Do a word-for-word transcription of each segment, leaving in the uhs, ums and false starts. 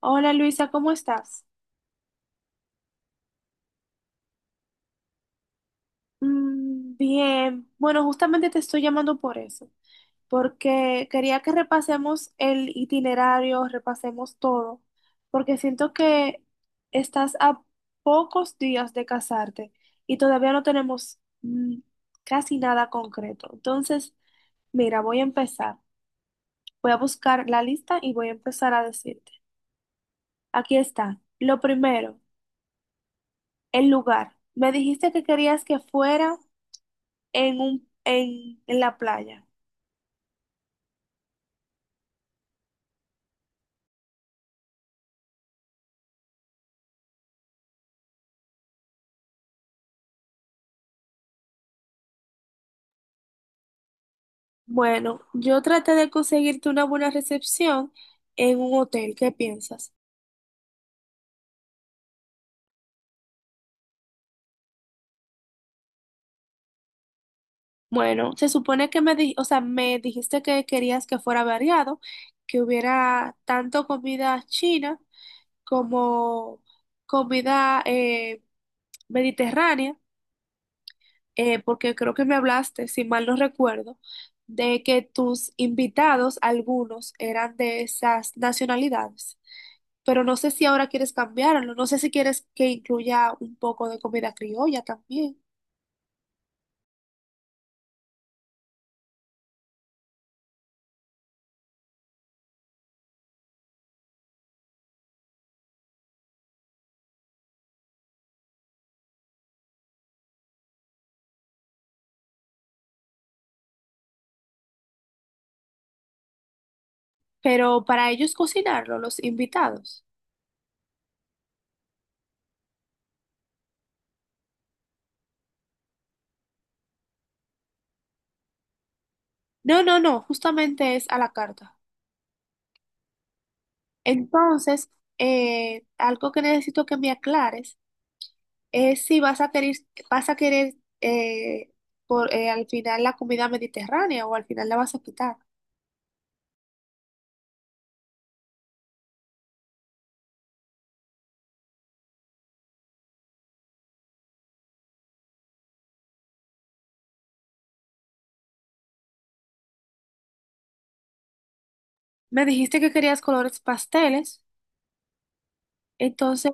Hola Luisa, ¿cómo estás? Mm, bien, bueno, justamente te estoy llamando por eso, porque quería que repasemos el itinerario, repasemos todo, porque siento que estás a pocos días de casarte y todavía no tenemos mm, casi nada concreto. Entonces, mira, voy a empezar. Voy a buscar la lista y voy a empezar a decirte. Aquí está. Lo primero, el lugar. Me dijiste que querías que fuera en un, en, en la playa. Bueno, yo traté de conseguirte una buena recepción en un hotel. ¿Qué piensas? Bueno, se supone que me di- o sea, me dijiste que querías que fuera variado, que hubiera tanto comida china como comida eh, mediterránea, eh, porque creo que me hablaste, si mal no recuerdo, de que tus invitados, algunos, eran de esas nacionalidades. Pero no sé si ahora quieres cambiarlo, no sé si quieres que incluya un poco de comida criolla también, pero para ellos cocinarlo, los invitados. No, no, no, justamente es a la carta. Entonces, eh, algo que necesito que me aclares es si vas a querer, vas a querer eh, por, eh, al final la comida mediterránea o al final la vas a quitar. Me dijiste que querías colores pasteles, entonces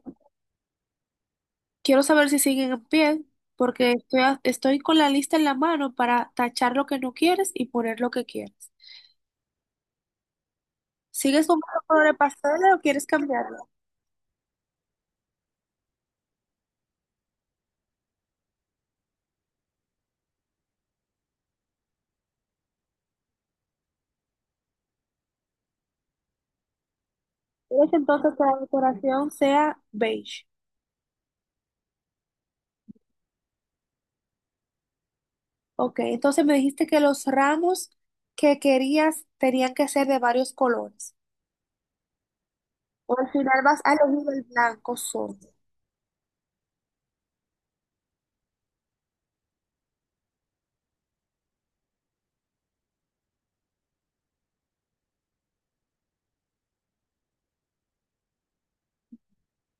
quiero saber si siguen en pie, porque estoy, a- estoy con la lista en la mano para tachar lo que no quieres y poner lo que quieres. ¿Sigues comprando color de pastel o quieres cambiarlo? ¿Quieres entonces que la decoración sea beige? Ok, entonces me dijiste que los ramos que querías tenían que ser de varios colores. ¿O al final vas a elegir el blanco solo?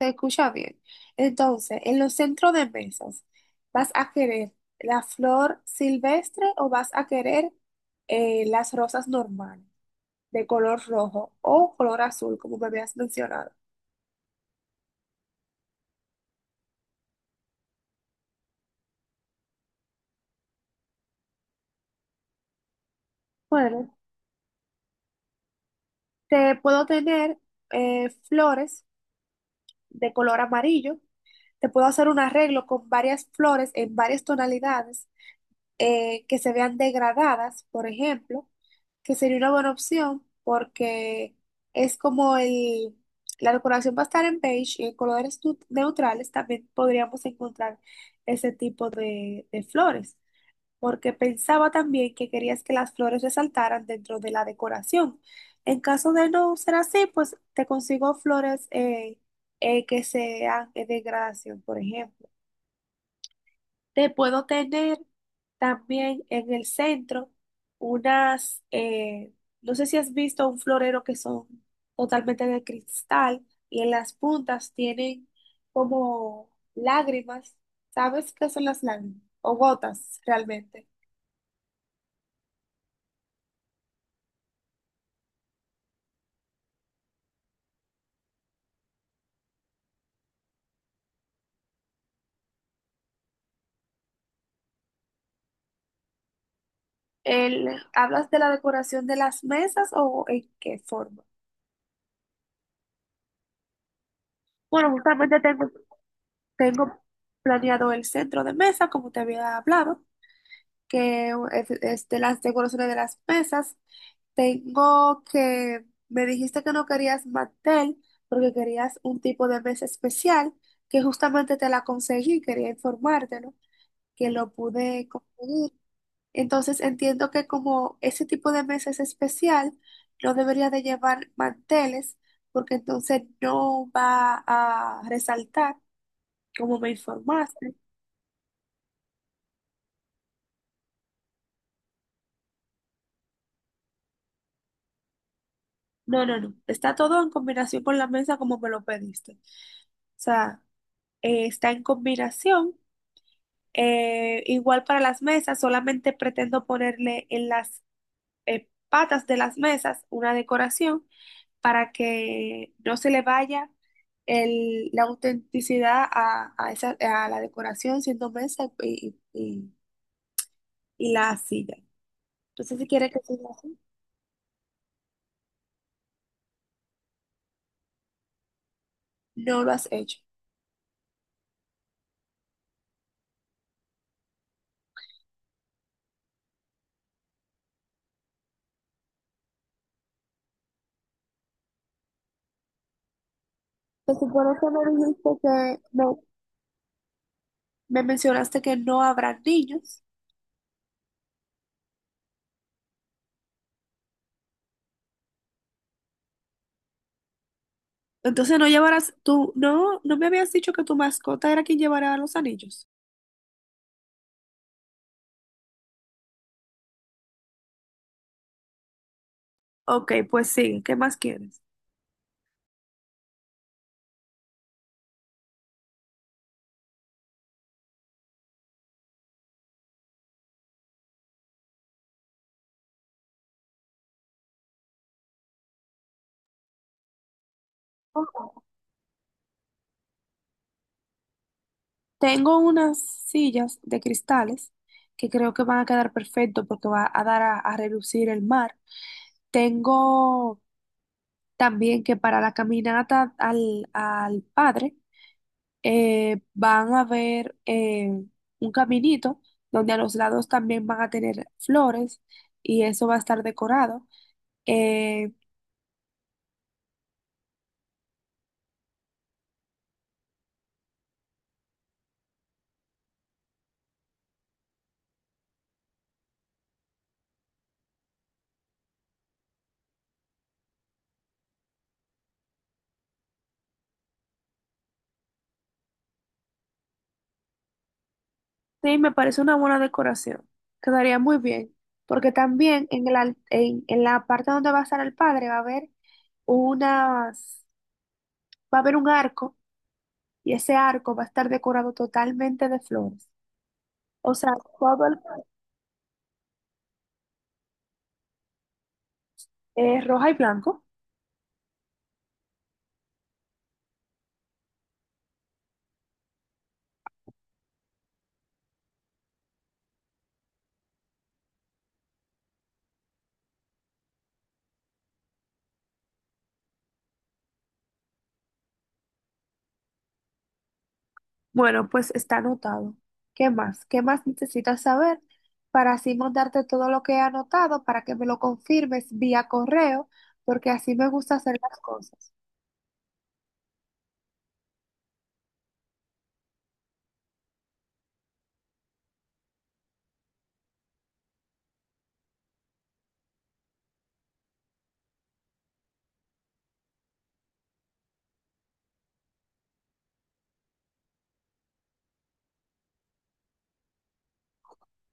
Se escucha bien. Entonces, en los centros de mesas, ¿vas a querer la flor silvestre o vas a querer eh, las rosas normales de color rojo o color azul, como me habías mencionado? Bueno, te puedo tener eh, flores de color amarillo. Te puedo hacer un arreglo con varias flores en varias tonalidades eh, que se vean degradadas, por ejemplo, que sería una buena opción porque es como el, la decoración va a estar en beige, y en colores tu- neutrales también podríamos encontrar ese tipo de, de flores, porque pensaba también que querías que las flores resaltaran dentro de la decoración. En caso de no ser así, pues te consigo flores eh, eh, que sean de degradación, por ejemplo. Te puedo tener también en el centro unas, eh, no sé si has visto un florero que son totalmente de cristal y en las puntas tienen como lágrimas. ¿Sabes qué son las lágrimas? O gotas, realmente. El, ¿hablas de la decoración de las mesas o en qué forma? Bueno, justamente tengo, tengo planeado el centro de mesa, como te había hablado, que es, es de las decoraciones de las mesas. Tengo que, me dijiste que no querías mantel porque querías un tipo de mesa especial que justamente te la conseguí, quería informártelo, que lo pude conseguir. Entonces entiendo que como ese tipo de mesa es especial, no debería de llevar manteles porque entonces no va a resaltar como me informaste. No, no, no. Está todo en combinación con la mesa como me lo pediste. O sea, eh, está en combinación. Eh, igual para las mesas, solamente pretendo ponerle en las eh, patas de las mesas una decoración para que no se le vaya el- la autenticidad a, a esa, a la decoración siendo mesa y, y, y la silla. Entonces, si quieres que siga así, no lo has hecho. Se supone que me dijiste que me, me mencionaste que no habrá niños. Entonces no llevarás tú, no, no me habías dicho que tu mascota era quien llevará los anillos. Ok, pues sí, ¿qué más quieres? Ok. Tengo unas sillas de cristales que creo que van a quedar perfecto porque va a dar a, a relucir el mar. Tengo también que para la caminata al, al padre eh, van a ver eh, un caminito donde a los lados también van a tener flores y eso va a estar decorado. Eh, sí, me parece una buena decoración. Quedaría muy bien, porque también en el al- en, en la parte donde va a estar el padre va a haber unas, va a haber un arco y ese arco va a estar decorado totalmente de flores. O sea, todo el- eh, roja y blanco. Bueno, pues está anotado. ¿Qué más? ¿Qué más necesitas saber para así mandarte todo lo que he anotado para que me lo confirmes vía correo? Porque así me gusta hacer las cosas.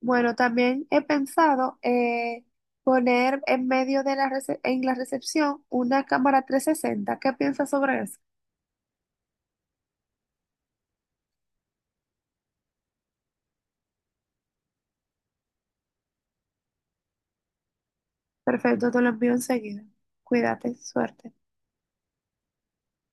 Bueno, también he pensado eh, poner en medio de la rece- en la recepción una cámara trescientos sesenta. ¿Qué piensas sobre eso? Perfecto, te lo envío enseguida. Cuídate, suerte.